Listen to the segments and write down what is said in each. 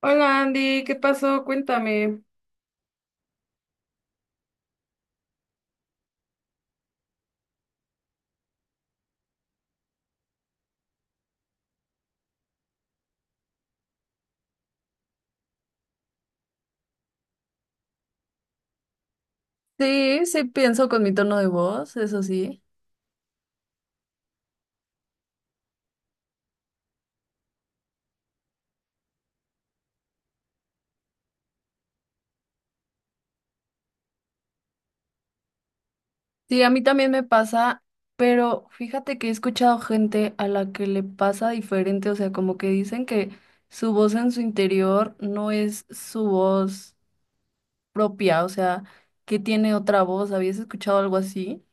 Hola Andy, ¿qué pasó? Cuéntame. Sí, sí pienso con mi tono de voz, eso sí. Sí, a mí también me pasa, pero fíjate que he escuchado gente a la que le pasa diferente, o sea, como que dicen que su voz en su interior no es su voz propia, o sea, que tiene otra voz. ¿Habías escuchado algo así?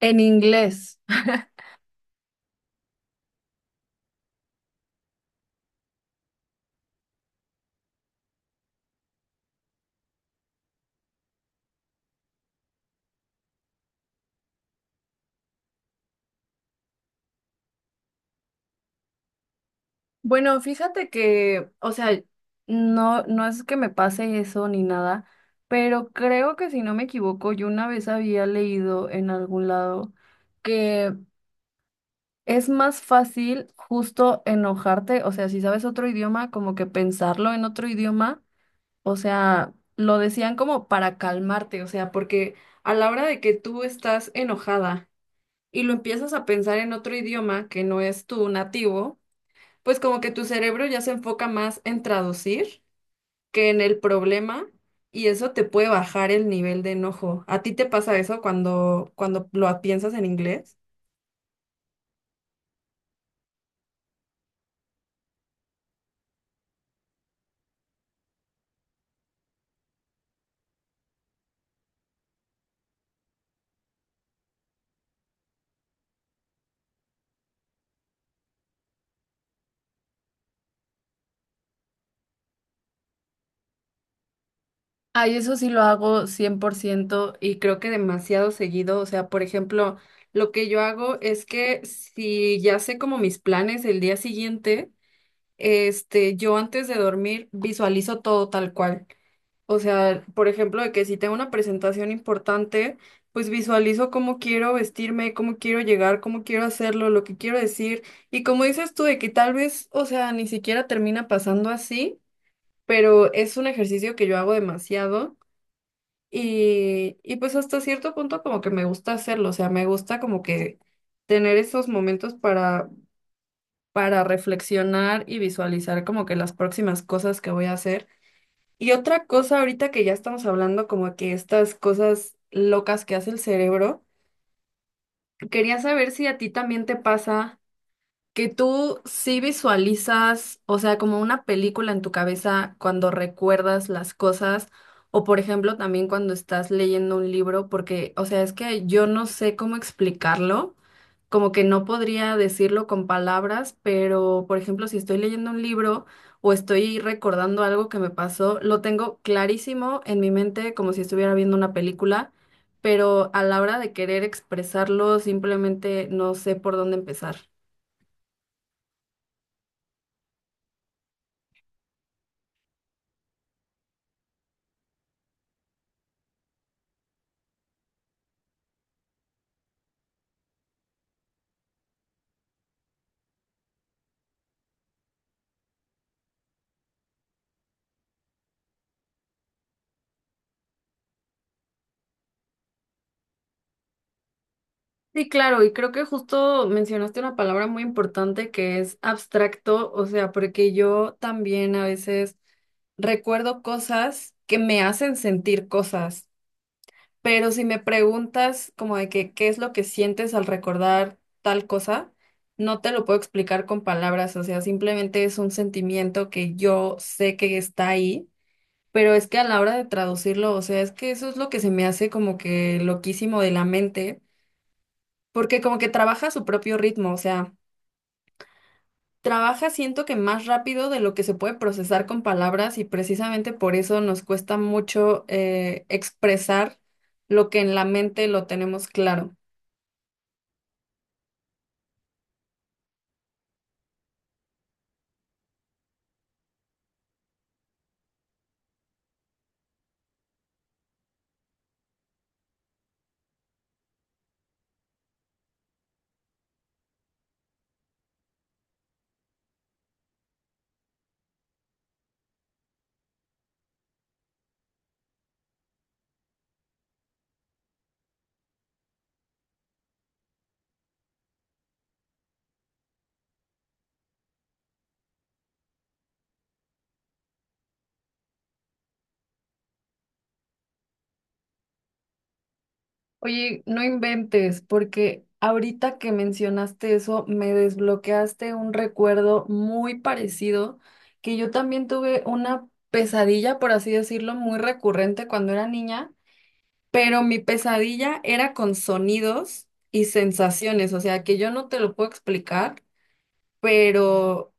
En inglés. Bueno, fíjate que, o sea, no es que me pase eso ni nada, pero creo que si no me equivoco, yo una vez había leído en algún lado que es más fácil justo enojarte, o sea, si sabes otro idioma, como que pensarlo en otro idioma, o sea, lo decían como para calmarte, o sea, porque a la hora de que tú estás enojada y lo empiezas a pensar en otro idioma que no es tu nativo, pues como que tu cerebro ya se enfoca más en traducir que en el problema y eso te puede bajar el nivel de enojo. ¿A ti te pasa eso cuando lo piensas en inglés? Ay, eso sí lo hago 100%. Y creo que demasiado seguido, o sea, por ejemplo, lo que yo hago es que si ya sé como mis planes el día siguiente, yo antes de dormir visualizo todo tal cual. O sea, por ejemplo, de que si tengo una presentación importante, pues visualizo cómo quiero vestirme, cómo quiero llegar, cómo quiero hacerlo, lo que quiero decir. Y como dices tú, de que tal vez, o sea, ni siquiera termina pasando así, pero es un ejercicio que yo hago demasiado y pues hasta cierto punto como que me gusta hacerlo, o sea, me gusta como que tener esos momentos para reflexionar y visualizar como que las próximas cosas que voy a hacer. Y otra cosa, ahorita que ya estamos hablando como que estas cosas locas que hace el cerebro, quería saber si a ti también te pasa. Que tú sí visualizas, o sea, como una película en tu cabeza cuando recuerdas las cosas, o por ejemplo también cuando estás leyendo un libro, porque, o sea, es que yo no sé cómo explicarlo, como que no podría decirlo con palabras, pero por ejemplo, si estoy leyendo un libro o estoy recordando algo que me pasó, lo tengo clarísimo en mi mente como si estuviera viendo una película, pero a la hora de querer expresarlo, simplemente no sé por dónde empezar. Sí, claro, y creo que justo mencionaste una palabra muy importante que es abstracto, o sea, porque yo también a veces recuerdo cosas que me hacen sentir cosas, pero si me preguntas como de que qué es lo que sientes al recordar tal cosa, no te lo puedo explicar con palabras, o sea, simplemente es un sentimiento que yo sé que está ahí, pero es que a la hora de traducirlo, o sea, es que eso es lo que se me hace como que loquísimo de la mente porque como que trabaja a su propio ritmo, o sea, trabaja siento que más rápido de lo que se puede procesar con palabras y precisamente por eso nos cuesta mucho expresar lo que en la mente lo tenemos claro. Oye, no inventes, porque ahorita que mencionaste eso, me desbloqueaste un recuerdo muy parecido que yo también tuve una pesadilla, por así decirlo, muy recurrente cuando era niña. Pero mi pesadilla era con sonidos y sensaciones, o sea, que yo no te lo puedo explicar, pero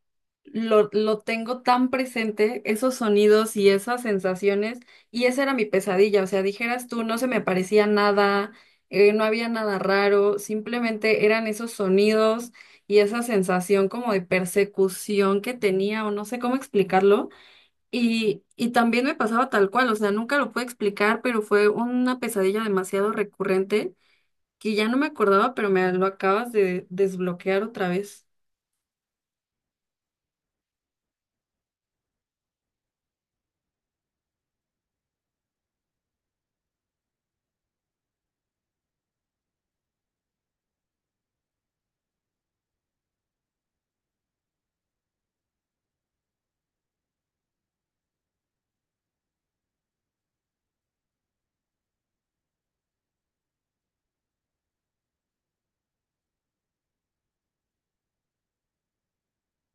lo tengo tan presente, esos sonidos y esas sensaciones, y esa era mi pesadilla, o sea, dijeras tú, no se me parecía nada, no había nada raro, simplemente eran esos sonidos y esa sensación como de persecución que tenía, o no sé cómo explicarlo y también me pasaba tal cual, o sea, nunca lo pude explicar, pero fue una pesadilla demasiado recurrente que ya no me acordaba, pero me lo acabas de desbloquear otra vez.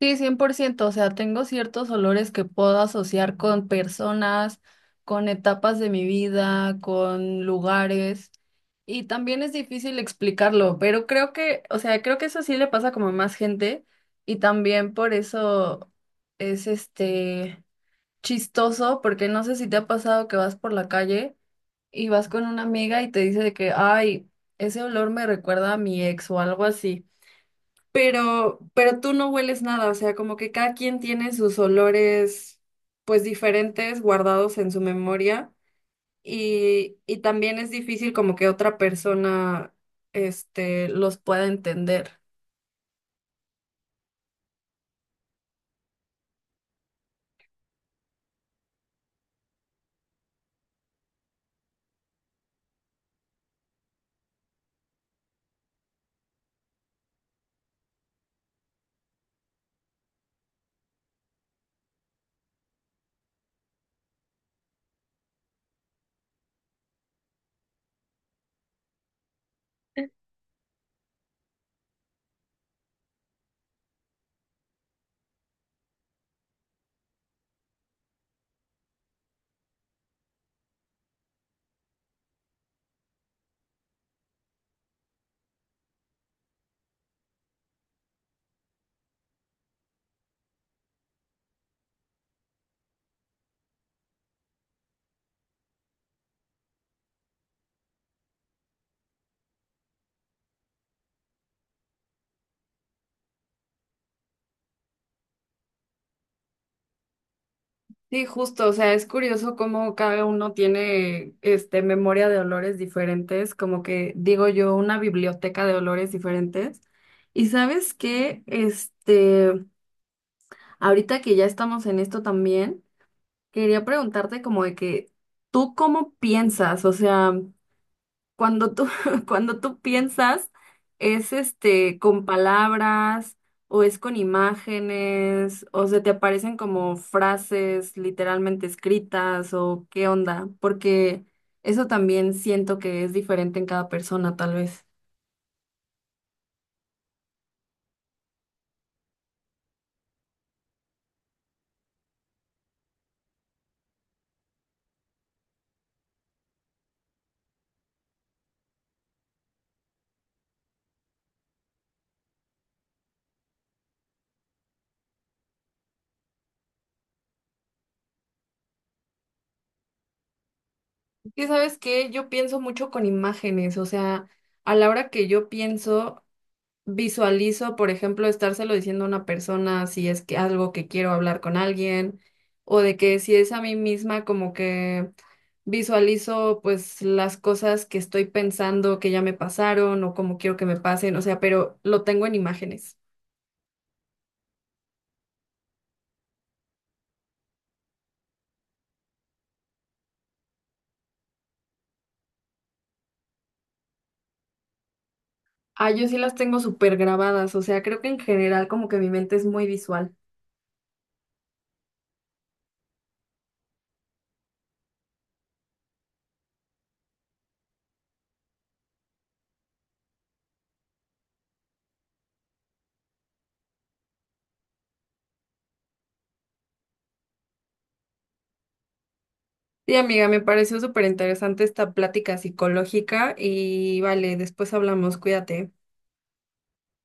Sí, 100%, o sea, tengo ciertos olores que puedo asociar con personas, con etapas de mi vida, con lugares, y también es difícil explicarlo, pero creo que, o sea, creo que eso sí le pasa como a más gente, y también por eso es chistoso porque no sé si te ha pasado que vas por la calle y vas con una amiga y te dice de que, ay, ese olor me recuerda a mi ex o algo así. Pero tú no hueles nada, o sea, como que cada quien tiene sus olores, pues diferentes, guardados en su memoria. Y también es difícil como que otra persona, los pueda entender. Sí, justo, o sea, es curioso cómo cada uno tiene este memoria de olores diferentes, como que digo yo, una biblioteca de olores diferentes. Y sabes qué, ahorita que ya estamos en esto también, quería preguntarte como de que tú cómo piensas, o sea, cuando tú, cuando tú piensas, es con palabras o es con imágenes o se te aparecen como frases literalmente escritas o qué onda, porque eso también siento que es diferente en cada persona, tal vez. Y sabes que yo pienso mucho con imágenes, o sea, a la hora que yo pienso visualizo, por ejemplo, estárselo diciendo a una persona si es que algo que quiero hablar con alguien, o de que si es a mí misma, como que visualizo pues las cosas que estoy pensando que ya me pasaron o como quiero que me pasen, o sea, pero lo tengo en imágenes. Ah, yo sí las tengo súper grabadas, o sea, creo que en general como que mi mente es muy visual. Sí, amiga, me pareció súper interesante esta plática psicológica y vale, después hablamos, cuídate.